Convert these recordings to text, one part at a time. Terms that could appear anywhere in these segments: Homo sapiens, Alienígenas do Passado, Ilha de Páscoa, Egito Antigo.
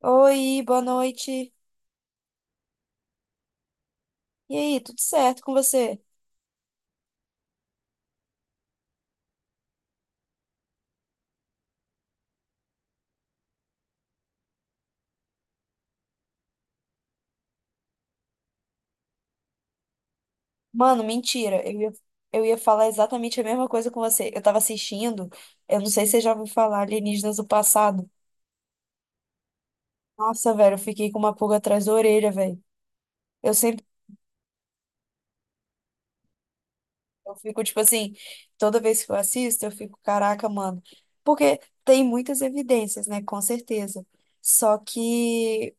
Oi, boa noite. E aí, tudo certo com você? Mano, mentira. Eu ia falar exatamente a mesma coisa com você. Eu tava assistindo, eu não sei se você já ouviu falar Alienígenas do Passado. Nossa, velho, eu fiquei com uma pulga atrás da orelha, velho. Eu sempre, eu fico tipo assim, toda vez que eu assisto, eu fico, caraca, mano. Porque tem muitas evidências, né? Com certeza. Só que,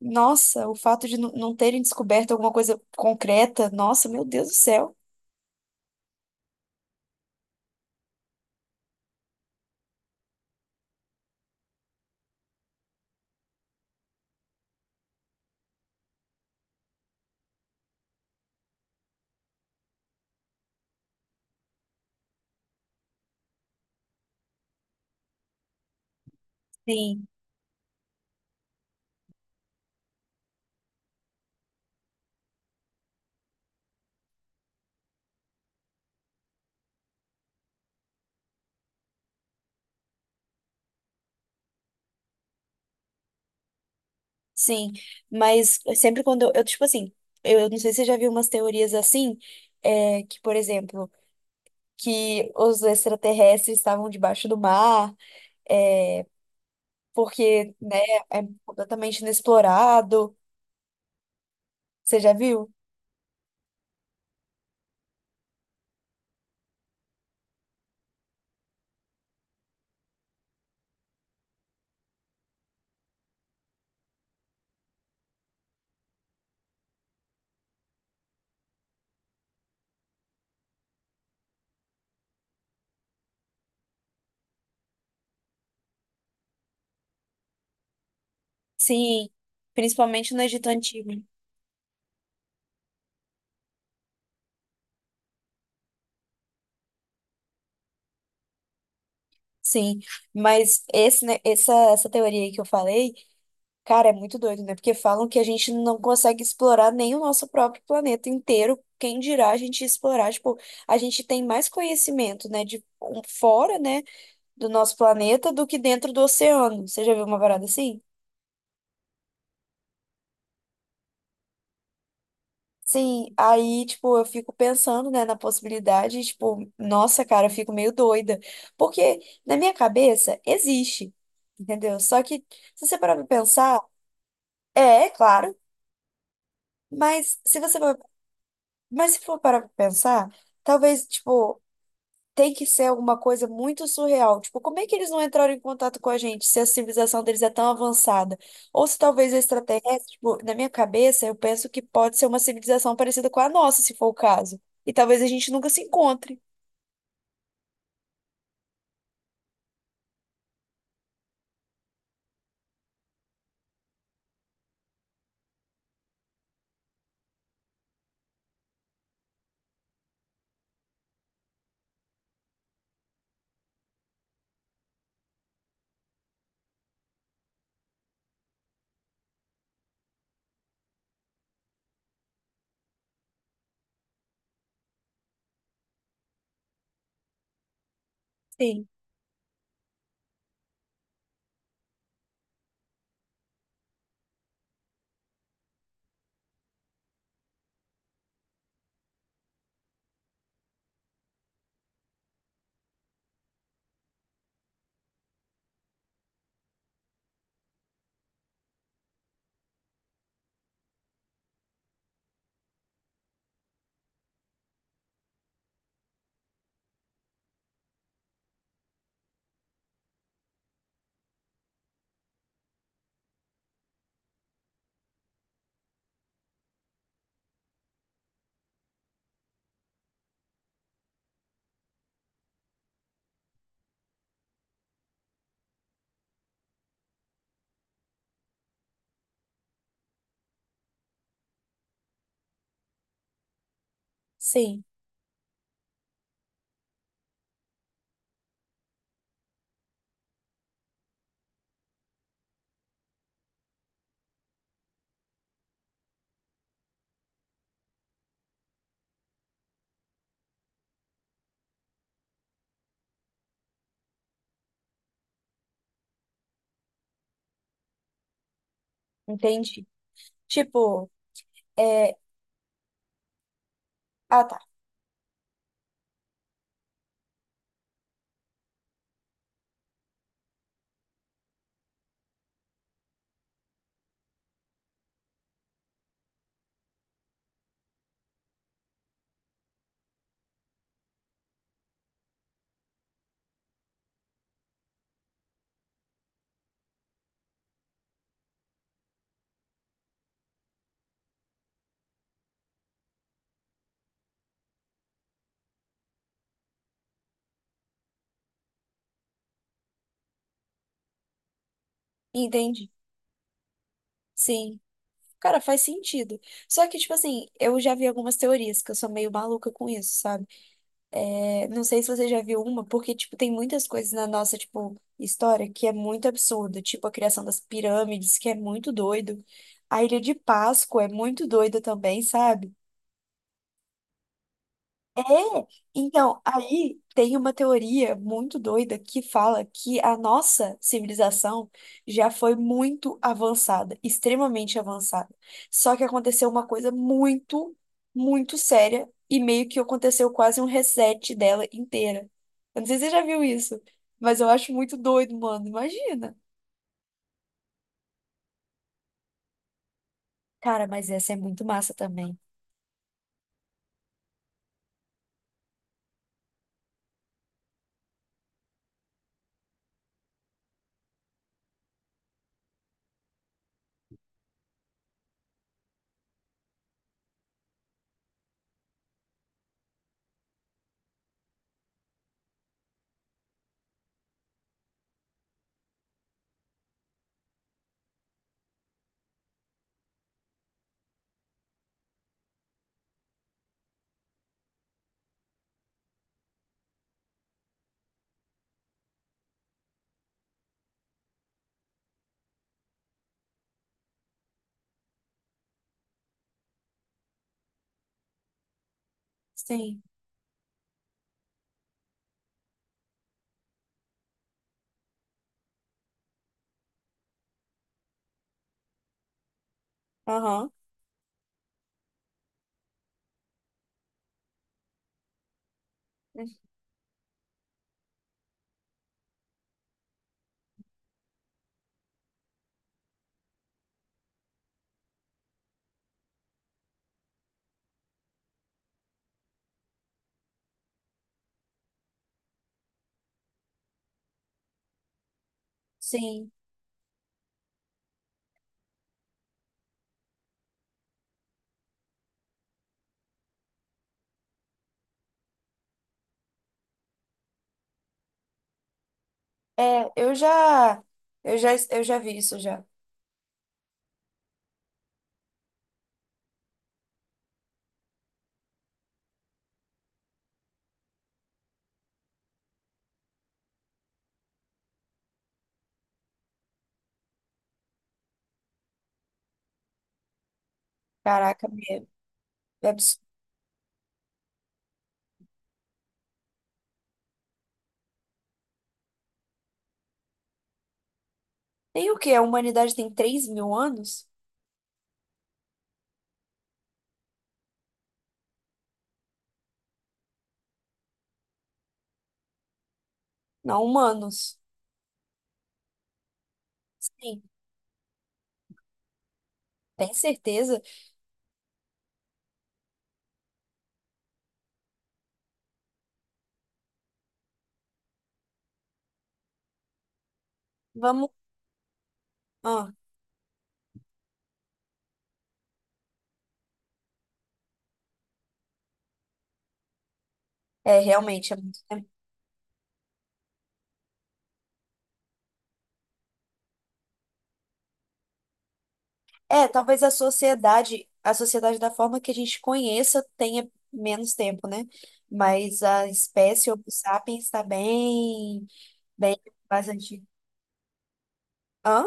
nossa, o fato de não terem descoberto alguma coisa concreta, nossa, meu Deus do céu. Sim, sim. Mas sempre quando tipo assim, eu não sei se você já viu umas teorias assim, é, que, por exemplo, que os extraterrestres estavam debaixo do mar, é, porque, né, é completamente inexplorado. Você já viu? Sim, principalmente no Egito Antigo. Sim, mas esse, né, essa teoria aí que eu falei, cara, é muito doido, né? Porque falam que a gente não consegue explorar nem o nosso próprio planeta inteiro. Quem dirá a gente explorar? Tipo, a gente tem mais conhecimento, né, de um- fora, né, do nosso planeta do que dentro do oceano. Você já viu uma parada assim? Sim, aí, tipo, eu fico pensando, né, na possibilidade, tipo, nossa, cara, eu fico meio doida. Porque na minha cabeça existe, entendeu? Só que, se você parar pra pensar, é, claro. Mas se você for, mas se for parar pra pensar, talvez, tipo, tem que ser alguma coisa muito surreal. Tipo, como é que eles não entraram em contato com a gente se a civilização deles é tão avançada? Ou se talvez extraterrestre, tipo, na minha cabeça, eu penso que pode ser uma civilização parecida com a nossa, se for o caso. E talvez a gente nunca se encontre. Sim, sim, entendi. Tipo, é... Ah, tá, entendi. Sim. Cara, faz sentido. Só que, tipo assim, eu já vi algumas teorias que eu sou meio maluca com isso, sabe? É, não sei se você já viu uma, porque, tipo, tem muitas coisas na nossa, tipo, história que é muito absurda. Tipo, a criação das pirâmides, que é muito doido. A Ilha de Páscoa é muito doida também, sabe? É, então, aí tem uma teoria muito doida que fala que a nossa civilização já foi muito avançada, extremamente avançada. Só que aconteceu uma coisa muito, muito séria e meio que aconteceu quase um reset dela inteira. Eu não sei se você já viu isso, mas eu acho muito doido, mano. Imagina. Cara, mas essa é muito massa também. Sim. Aham. Sim. É, eu já, eu já vi isso já. Caraca, é, é absurdo. Tem o quê? A humanidade tem 3.000 anos? Não, humanos. Sim, tem certeza? Vamos. Ah, é, realmente, é muito tempo. É, talvez a sociedade da forma que a gente conheça tenha menos tempo, né? Mas a espécie Homo sapiens está bem, bem mais antiga. Hã?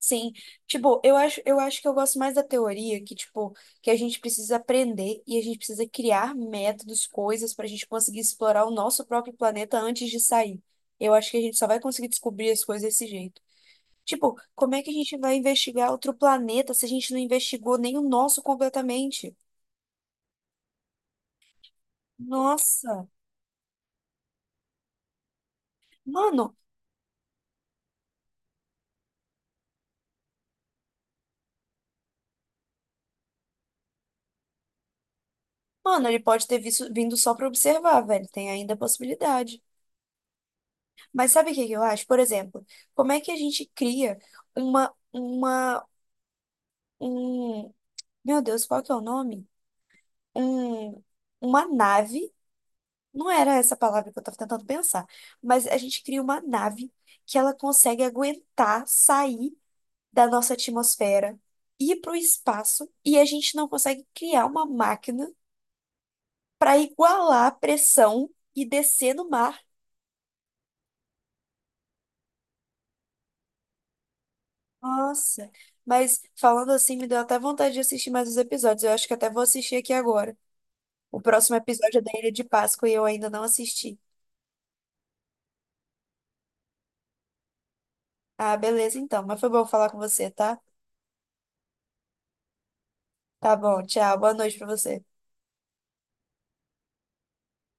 Sim, tipo, eu acho que eu gosto mais da teoria que, tipo, que a gente precisa aprender e a gente precisa criar métodos, coisas para a gente conseguir explorar o nosso próprio planeta antes de sair. Eu acho que a gente só vai conseguir descobrir as coisas desse jeito. Tipo, como é que a gente vai investigar outro planeta se a gente não investigou nem o nosso completamente? Nossa, mano, mano, ele pode ter visto, vindo só para observar, velho, tem ainda a possibilidade. Mas sabe o que que eu acho? Por exemplo, como é que a gente cria uma um, meu Deus, qual que é o nome? Um, uma nave, não era essa palavra que eu tava tentando pensar, mas a gente cria uma nave que ela consegue aguentar sair da nossa atmosfera, ir para o espaço, e a gente não consegue criar uma máquina para igualar a pressão e descer no mar. Nossa, mas falando assim, me deu até vontade de assistir mais os episódios. Eu acho que até vou assistir aqui agora. O próximo episódio é da Ilha de Páscoa e eu ainda não assisti. Ah, beleza então. Mas foi bom falar com você, tá? Tá bom, tchau. Boa noite pra você.